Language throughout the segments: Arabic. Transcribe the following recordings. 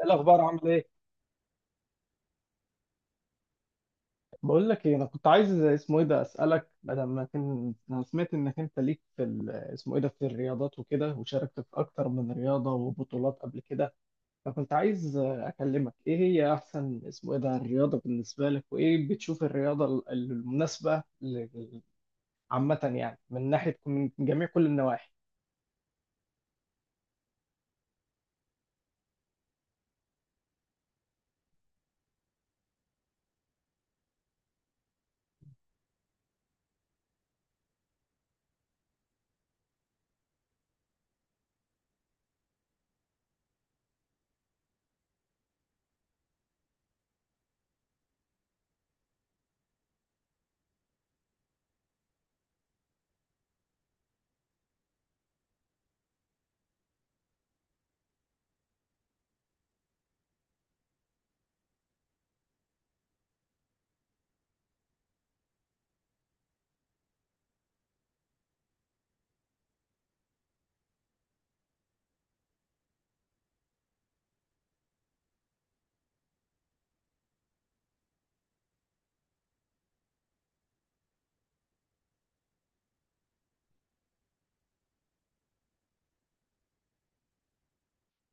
إيه الاخبار؟ عامل ايه؟ بقول لك ايه، انا كنت عايز اسمه ايه ده اسالك، بدل ما كان. انا سمعت انك انت ليك في اسمه ايه ده في الرياضات وكده، وشاركت في اكتر من رياضه وبطولات قبل كده. فكنت عايز اكلمك، ايه هي احسن اسمه ايه ده الرياضه بالنسبه لك، وايه بتشوف الرياضه المناسبه عامه، يعني من ناحيه، من جميع كل النواحي.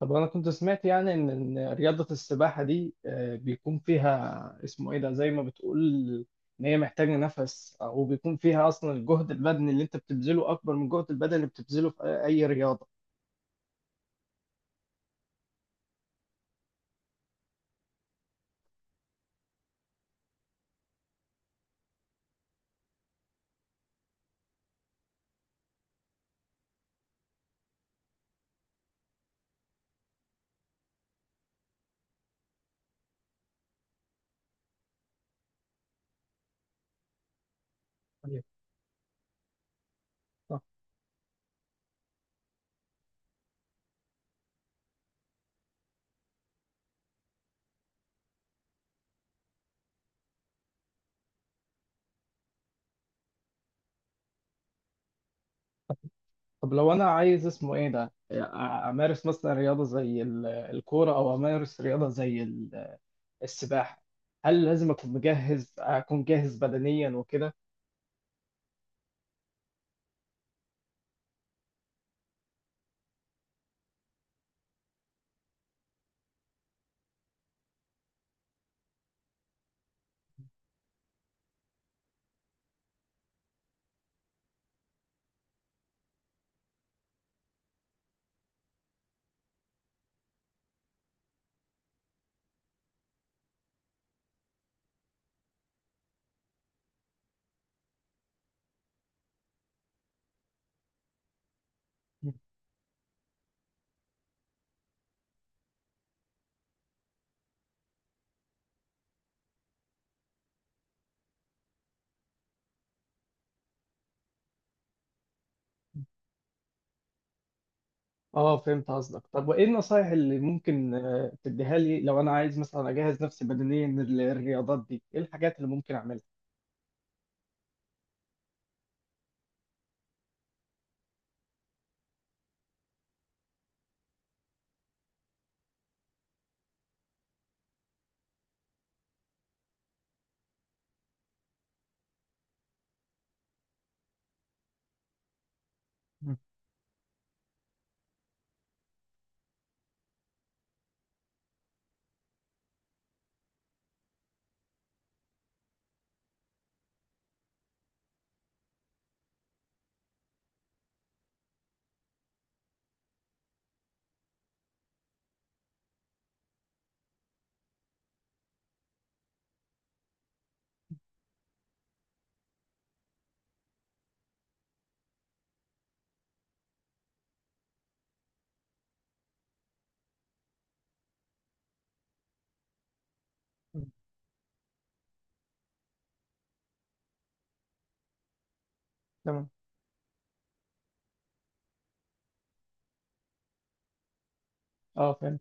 طب، انا كنت سمعت يعني ان رياضة السباحة دي بيكون فيها اسمه ايه ده زي ما بتقول ان هي محتاجة نفس، او بيكون فيها اصلا الجهد البدني اللي انت بتبذله اكبر من الجهد البدني اللي بتبذله في اي رياضة. أيوة، صح. طب لو انا عايز اسمه ايه ده امارس مثلا رياضة زي الكورة، او امارس رياضة زي السباحة، هل لازم اكون جاهز بدنيا وكده؟ اه فهمت قصدك. طب وايه النصايح اللي ممكن تديها لي، لو انا عايز مثلا اجهز نفسي بدنيا للرياضات دي؟ ايه الحاجات اللي ممكن اعملها؟ مم. مم. تمام. اه فهمت.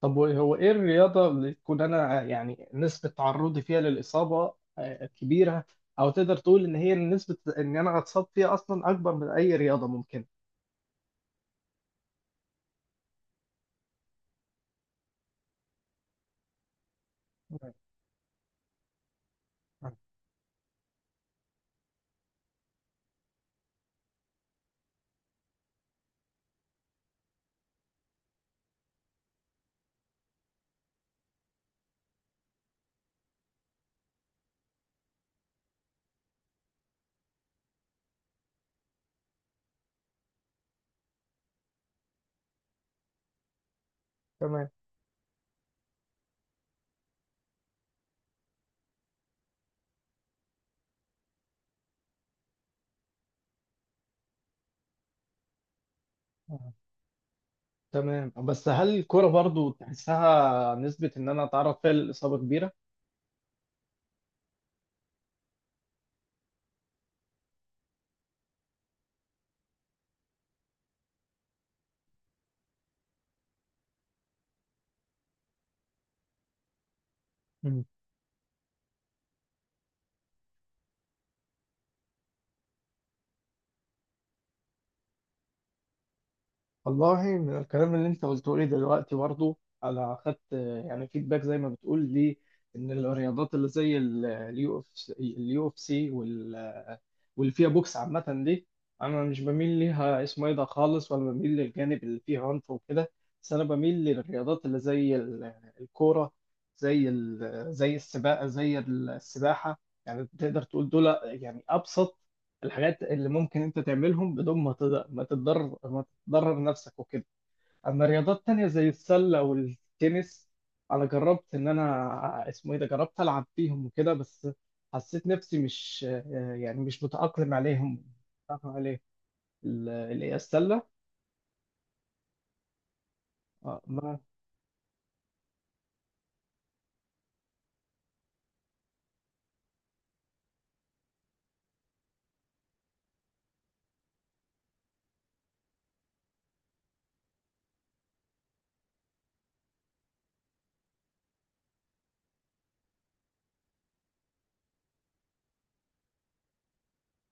طب، هو ايه الرياضة اللي تكون انا يعني نسبة تعرضي فيها للإصابة كبيرة؟ او تقدر تقول ان هي نسبة ان انا اتصاب فيها اصلا اكبر من اي رياضة ممكن؟ مم. مم. تمام. مم. تمام. بس هل الكرة برضو تحسها نسبة ان انا اتعرض فيها للإصابة كبيرة؟ والله، من الكلام اللي انت قلته لي دلوقتي برضه، انا اخدت يعني فيدباك زي ما بتقول لي ان الرياضات اللي زي اليو اف سي واللي فيها بوكس عامه دي، انا مش بميل ليها اسمه ايه ده خالص، ولا بميل للجانب اللي فيه عنف وكده. بس انا بميل للرياضات اللي زي الكوره، زي السباقه، زي السباحه. يعني تقدر تقول دول يعني ابسط الحاجات اللي ممكن انت تعملهم، بدون ما تتضرر ضرر نفسك وكده. اما رياضات تانية زي السلة والتنس، انا جربت ان انا اسمه ايه ده جربت العب فيهم وكده، بس حسيت نفسي مش، يعني مش متأقلم عليهم. متأقلم عليه. إيه، السلة. آه، ما.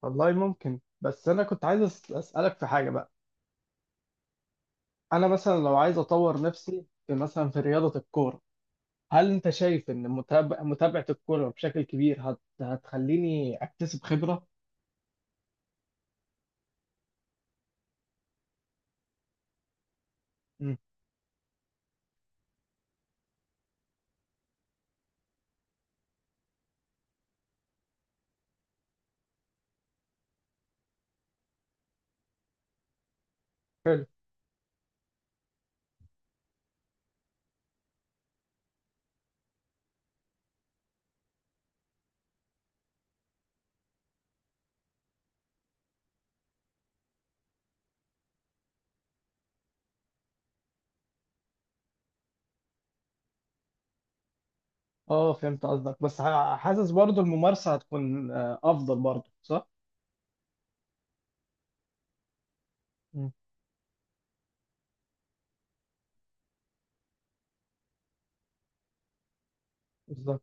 والله ممكن، بس انا كنت عايز اسألك في حاجة بقى. انا مثلا لو عايز اطور نفسي في مثلا في رياضة الكورة. هل انت شايف ان متابعة الكورة بشكل كبير هتخليني اكتسب خبرة؟ مم. اه فهمت قصدك، بس حاسس برضو الممارسة هتكون افضل برضو، صح؟ مم. بالظبط.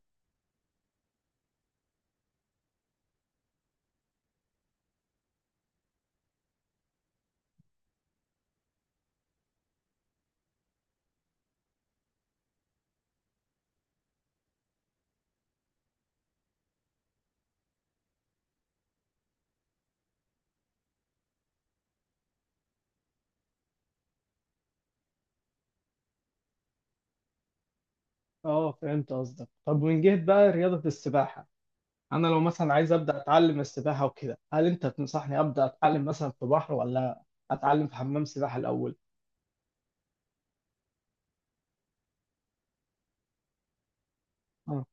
اه فهمت قصدك. طب من جهة بقى رياضة السباحة، انا لو مثلا عايز ابدا اتعلم السباحة وكده، هل انت تنصحني ابدا اتعلم مثلا في بحر، ولا اتعلم في حمام سباحة الاول؟ اه.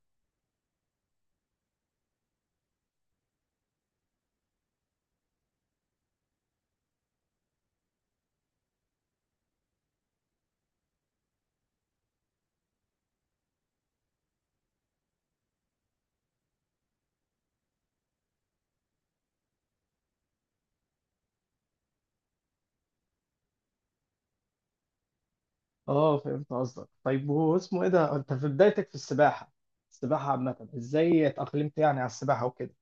اه فهمت قصدك. طيب هو اسمه ايه ده انت في بدايتك في السباحة، السباحة عامة ازاي اتأقلمت يعني على السباحة وكده؟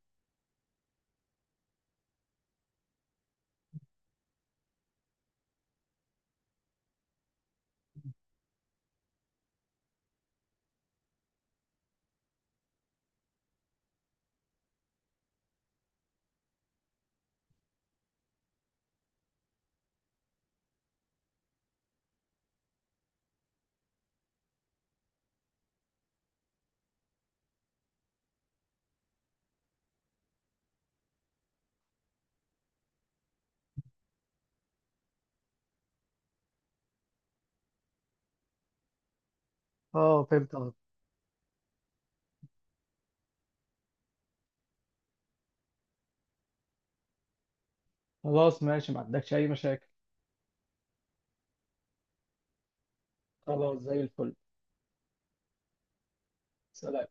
اه فهمت قصدك. خلاص ماشي، ما عندكش اي مشاكل. خلاص زي الفل. سلام.